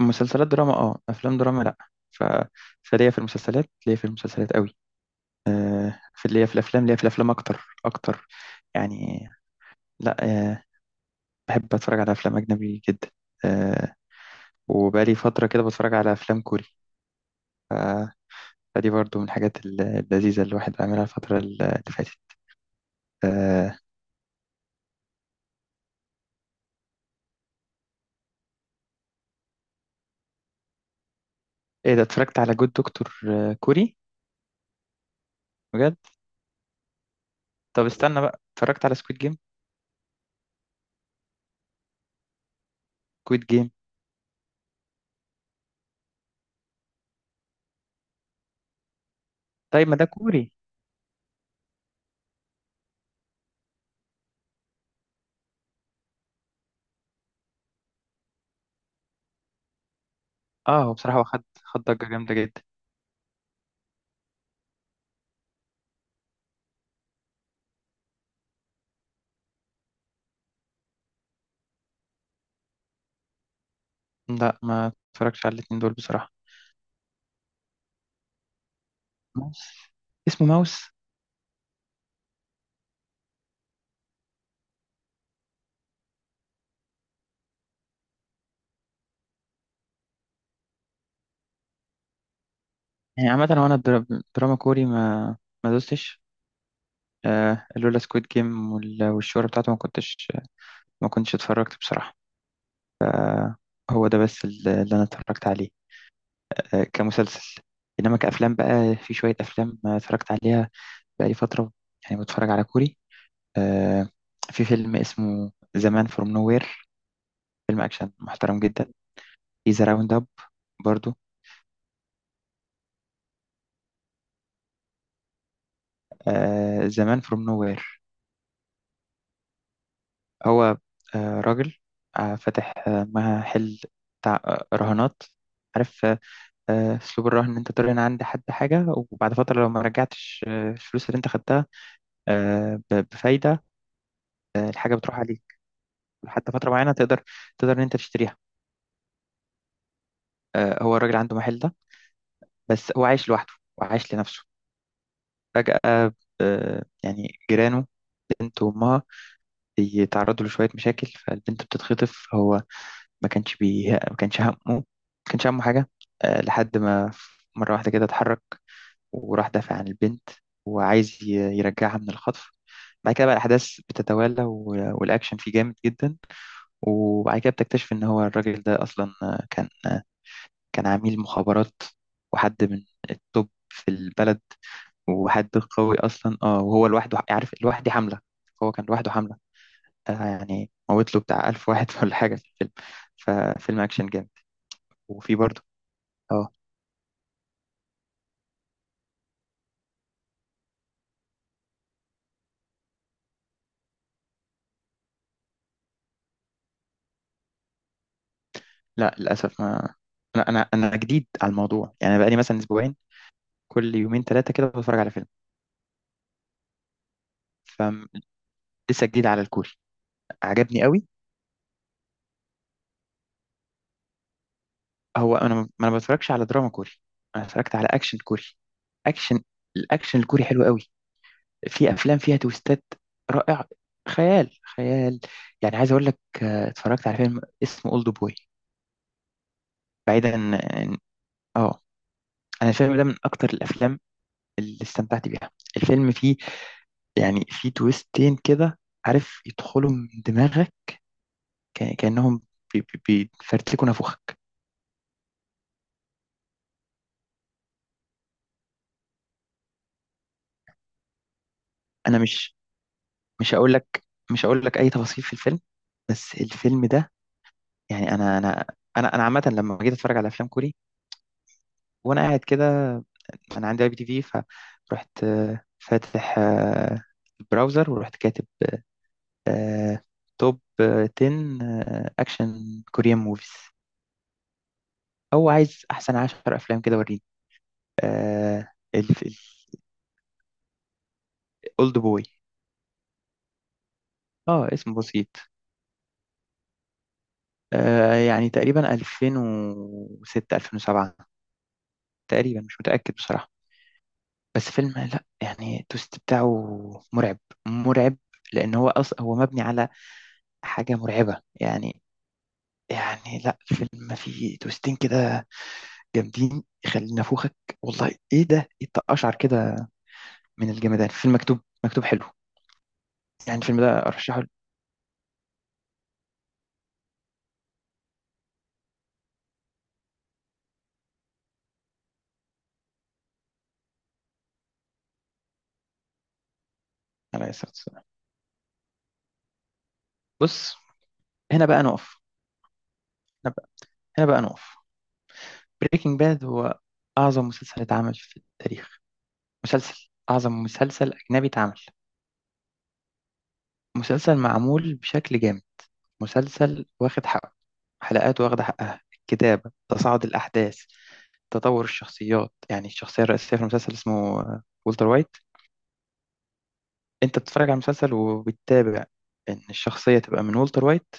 مسلسلات دراما، افلام دراما. لا. ف... فليا في المسلسلات ليا في المسلسلات قوي. في ليا في الافلام ليا في الافلام اكتر اكتر، يعني. لا، آه، بحب اتفرج على افلام اجنبي جدا. آه، وبقالي فتره كده بتفرج على افلام كوري. ف... فدي برضو من الحاجات اللذيذه اللي الواحد عاملها الفتره اللي فاتت. آه، ايه ده، اتفرجت على جود دكتور كوري بجد؟ طب استنى بقى، اتفرجت على سكويد جيم. سكويد جيم. طيب ما ده كوري. اه، هو بصراحه، هو خد ضجه جامده جدا. لا، ما اتفرجش على الاتنين دول بصراحه. ماوس. اسمه ماوس. يعني عامة، هو أنا دراما كوري ما دوستش. آه، لولا سكويد جيم والشهرة بتاعته ما كنتش اتفرجت بصراحة. هو ده بس اللي أنا اتفرجت عليه، آه، كمسلسل. إنما كأفلام بقى، في شوية أفلام اتفرجت عليها بقالي فترة، يعني بتفرج على كوري. آه، في فيلم اسمه زمان فروم نوير، فيلم أكشن محترم جدا. في ذا راوند أب برضو. آه، زمان فروم نوير، هو راجل فاتح محل بتاع رهانات، عارف. اسلوب الرهن ان انت ترهن عند حد حاجه، وبعد فتره لو ما رجعتش الفلوس اللي انت خدتها بفايده، الحاجه بتروح عليك. لحد فتره معينه تقدر تقدر ان انت تشتريها. هو الراجل عنده محل ده، بس هو عايش لوحده وعايش لنفسه. فجاه، يعني جيرانه، بنت وامها، بيتعرضوا لشويه مشاكل، فالبنت بتتخطف. هو ما كانش همه حاجة، لحد ما مرة واحدة كده اتحرك، وراح دافع عن البنت، وعايز يرجعها من الخطف. بعد كده بقى الأحداث بتتوالى، والأكشن فيه جامد جدا. وبعد كده بتكتشف إن هو الراجل ده أصلا كان عميل مخابرات، وحد من التوب في البلد، وحد قوي أصلا. اه وهو لوحده، عارف، لوحده حملة. هو كان لوحده حملة، يعني موت له بتاع ألف واحد ولا حاجة في الفيلم. ففيلم أكشن جامد. وفي برضه. اه لا، للاسف، ما انا جديد على الموضوع، يعني أنا بقالي مثلا اسبوعين، كل يومين ثلاثه كده بتفرج على فيلم. فلسه جديد على الكوري. عجبني قوي. هو انا ما انا بتفرجش على دراما كوري، انا اتفرجت على اكشن كوري. اكشن. الاكشن الكوري حلو قوي، في افلام فيها تويستات، رائع. خيال خيال. يعني عايز اقول لك، اتفرجت على فيلم اسمه اولد بوي. بعيدا عن- اه انا الفيلم ده من اكتر الافلام اللي استمتعت بيها. الفيلم فيه، يعني، في تويستين كده، عارف، يدخلوا من دماغك، كأنهم بي- بيفرتكوا نافوخك. انا مش هقول لك مش هقول لك اي تفاصيل في الفيلم. بس الفيلم ده، يعني، انا عامه لما جيت اتفرج على افلام كوري، وانا قاعد كده، انا عندي اي بي تي في، فرحت فاتح البراوزر، ورحت كاتب آه، توب 10 اكشن كوريان موفيز، او عايز احسن 10 افلام كده وريني. آه، الف- اولد بوي. اه، اسم بسيط. آه يعني تقريبا 2006، 2007، تقريبا. مش متأكد بصراحة. بس فيلم، لا يعني، التوست بتاعه مرعب، مرعب، لأن هو هو مبني على حاجة مرعبة، يعني. يعني لا، الفيلم فيه توستين كده جامدين، يخلي نافوخك، والله. ايه ده، ايه التقشعر كده من الجمدان. فيلم مكتوب، مكتوب حلو، يعني. الفيلم ده ارشحه. على الصلاة والسلام. بص، هنا بقى نقف هنا بقى هنا بقى نقف. بريكنج باد هو أعظم مسلسل اتعمل في التاريخ. مسلسل، أعظم مسلسل أجنبي اتعمل. مسلسل معمول بشكل جامد. مسلسل واخد حقه، حلقاته واخدة حقها، الكتابة، تصاعد الأحداث، تطور الشخصيات. يعني الشخصية الرئيسية في المسلسل اسمه والتر وايت. أنت بتتفرج على المسلسل وبتتابع إن الشخصية تبقى من والتر وايت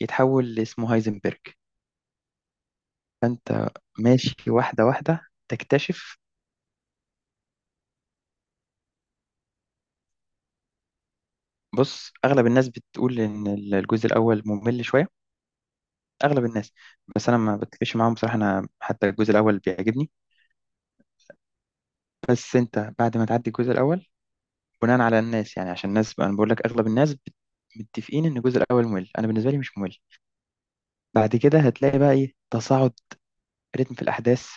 يتحول لاسمه هايزنبرج. فأنت ماشي واحدة واحدة تكتشف. بص، أغلب الناس بتقول إن الجزء الأول ممل شوية، اغلب الناس. بس انا ما بتفقش معاهم بصراحه، انا حتى الجزء الاول بيعجبني. بس انت بعد ما تعدي الجزء الاول، بناء على الناس يعني، عشان الناس بقى، انا بقول لك اغلب الناس متفقين ان الجزء الاول ممل، انا بالنسبه لي مش ممل. بعد كده هتلاقي بقى ايه، تصاعد رتم في الاحداث،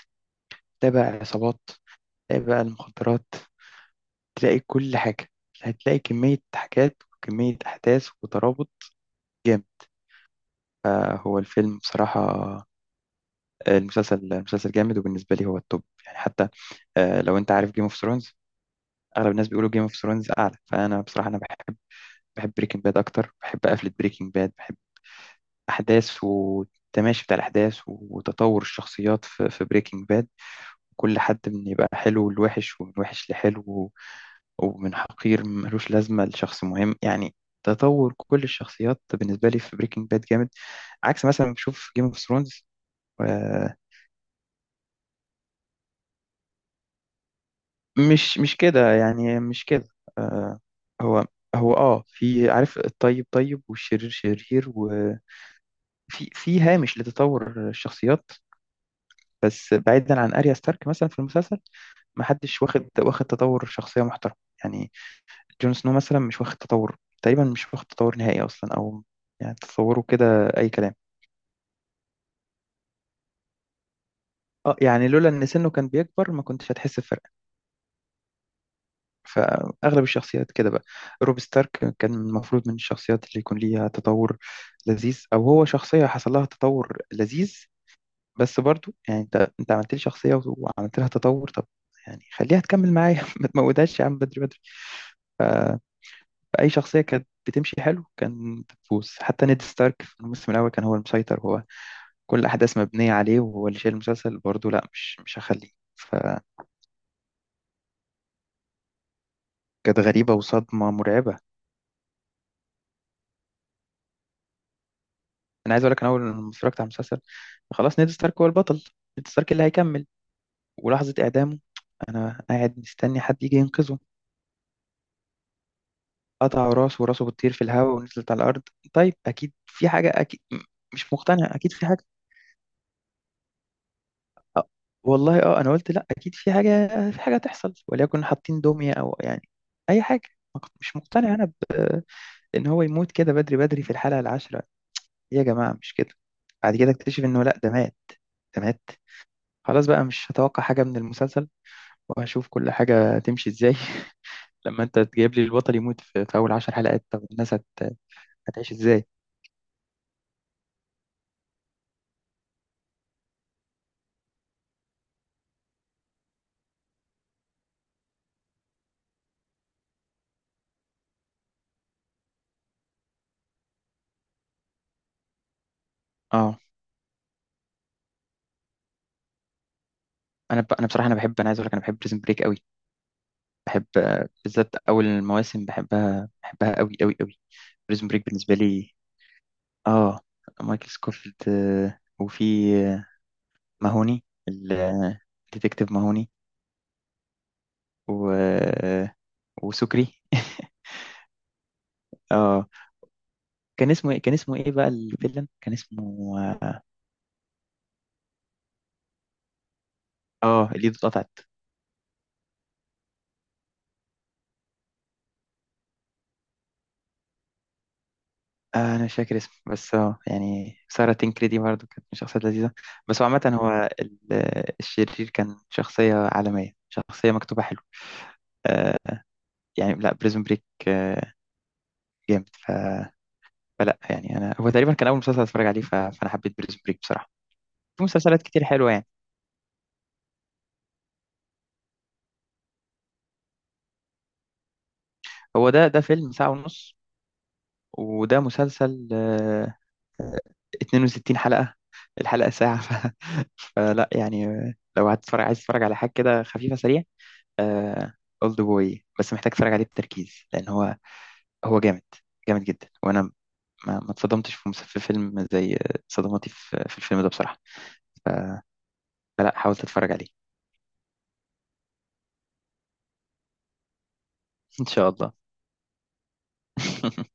تلاقي بقى عصابات، تلاقي بقى المخدرات، تلاقي كل حاجه. هتلاقي كميه حاجات وكميه احداث وترابط جامد. فهو الفيلم بصراحه، المسلسل، المسلسل جامد، وبالنسبه لي هو التوب، يعني. حتى لو انت عارف جيم اوف، اغلب الناس بيقولوا جيم اوف ثرونز اعلى، فانا بصراحه انا بحب، بحب بريكنج باد اكتر. بحب قفله بريكنج باد، بحب احداث والتماشي بتاع الاحداث وتطور الشخصيات في في بريكنج باد. كل حد من يبقى حلو لوحش، ومن وحش لحلو، ومن حقير ملوش لازمه لشخص مهم، يعني. تطور كل الشخصيات بالنسبه لي في بريكنج باد جامد، عكس مثلا بشوف جيم اوف ثرونز. مش كده، يعني مش كده. آه، هو، هو اه في، عارف، الطيب طيب والشرير شرير، وفي، في هامش لتطور الشخصيات. بس بعيدا عن اريا ستارك مثلا في المسلسل، ما حدش واخد تطور شخصية محترم، يعني. جون سنو مثلا مش واخد تطور، تقريبا مش واخد تطور نهائي اصلا، او يعني تصوره كده، اي كلام. اه، يعني لولا ان سنه كان بيكبر ما كنتش هتحس بفرق. فأغلب الشخصيات كده بقى، روب ستارك كان المفروض من الشخصيات اللي يكون ليها تطور لذيذ، أو هو شخصية حصل لها تطور لذيذ، بس برضو يعني أنت عملت لي شخصية وعملت لها تطور، طب يعني خليها تكمل معايا ما تموتهاش يا عم، بدري بدري. ف- فأي شخصية كانت بتمشي حلو كان بتفوز، حتى نيد ستارك في الموسم الأول كان هو المسيطر، هو كل الأحداث مبنية عليه، وهو اللي شايل المسلسل برضه. لا، مش هخليه. فكانت غريبة وصدمة مرعبة. انا عايز اقول لك، انا اول لما اتفرجت على المسلسل، خلاص نيد ستارك هو البطل، نيد ستارك اللي هيكمل. ولحظه اعدامه انا قاعد مستني حد يجي ينقذه. قطعوا راسه وراسه بتطير في الهواء ونزلت على الارض. طيب، اكيد في حاجه، اكيد مش مقتنع، اكيد في حاجه. أه، والله، اه انا قلت لا، اكيد في حاجه، في حاجه هتحصل، وليكن حاطين دميه، او يعني اي حاجه. ما كنت- مش مقتنع انا ان هو يموت كده بدري بدري في الحلقه العاشره. يا جماعه، مش كده. بعد كده اكتشف انه لا، ده مات، ده مات. خلاص بقى مش هتوقع حاجه من المسلسل، وهشوف كل حاجة تمشي ازاي لما انت تجيب لي البطل يموت في, في اول 10 حلقات، طب الناس هتعيش ازاي؟ اه، انا انا بصراحة انا بحب، انا عايز اقول لك، انا بحب بريزن بريك قوي. بحب بالذات اول المواسم، بحبها بحبها قوي قوي قوي. بريزن بريك بالنسبة لي، اه، مايكل سكوفيلد، وفي آه، ماهوني، الديتكتيف ماهوني، و... آه، وسكري اه، كان اسمه ايه بقى الفيلن، كان اسمه الايد اتقطعت. انا مش فاكر اسمه، بس اه يعني سارة تنكري دي برضه كانت من الشخصيات لذيذة، بس هو عامة هو الشرير كان شخصية عالمية، شخصية مكتوبة حلو. آه يعني لا، بريزون بريك جامد. فلا يعني، انا هو تقريبا كان اول مسلسل اتفرج عليه، فانا حبيت بريزون بريك بصراحة. في مسلسلات كتير حلوة، يعني. هو ده فيلم ساعة ونص، وده مسلسل آه 62 حلقة، الحلقة ساعة ف... فلا يعني، لو هتتفرج، عايز تتفرج على حاجة كده خفيفة سريعة، آه، اولد بوي. بس محتاج اتفرج عليه بتركيز، لان هو جامد، جامد جدا. وانا ما اتصدمتش في فيلم زي صدماتي في في الفيلم ده بصراحة، فلا حاولت اتفرج عليه ان شاء الله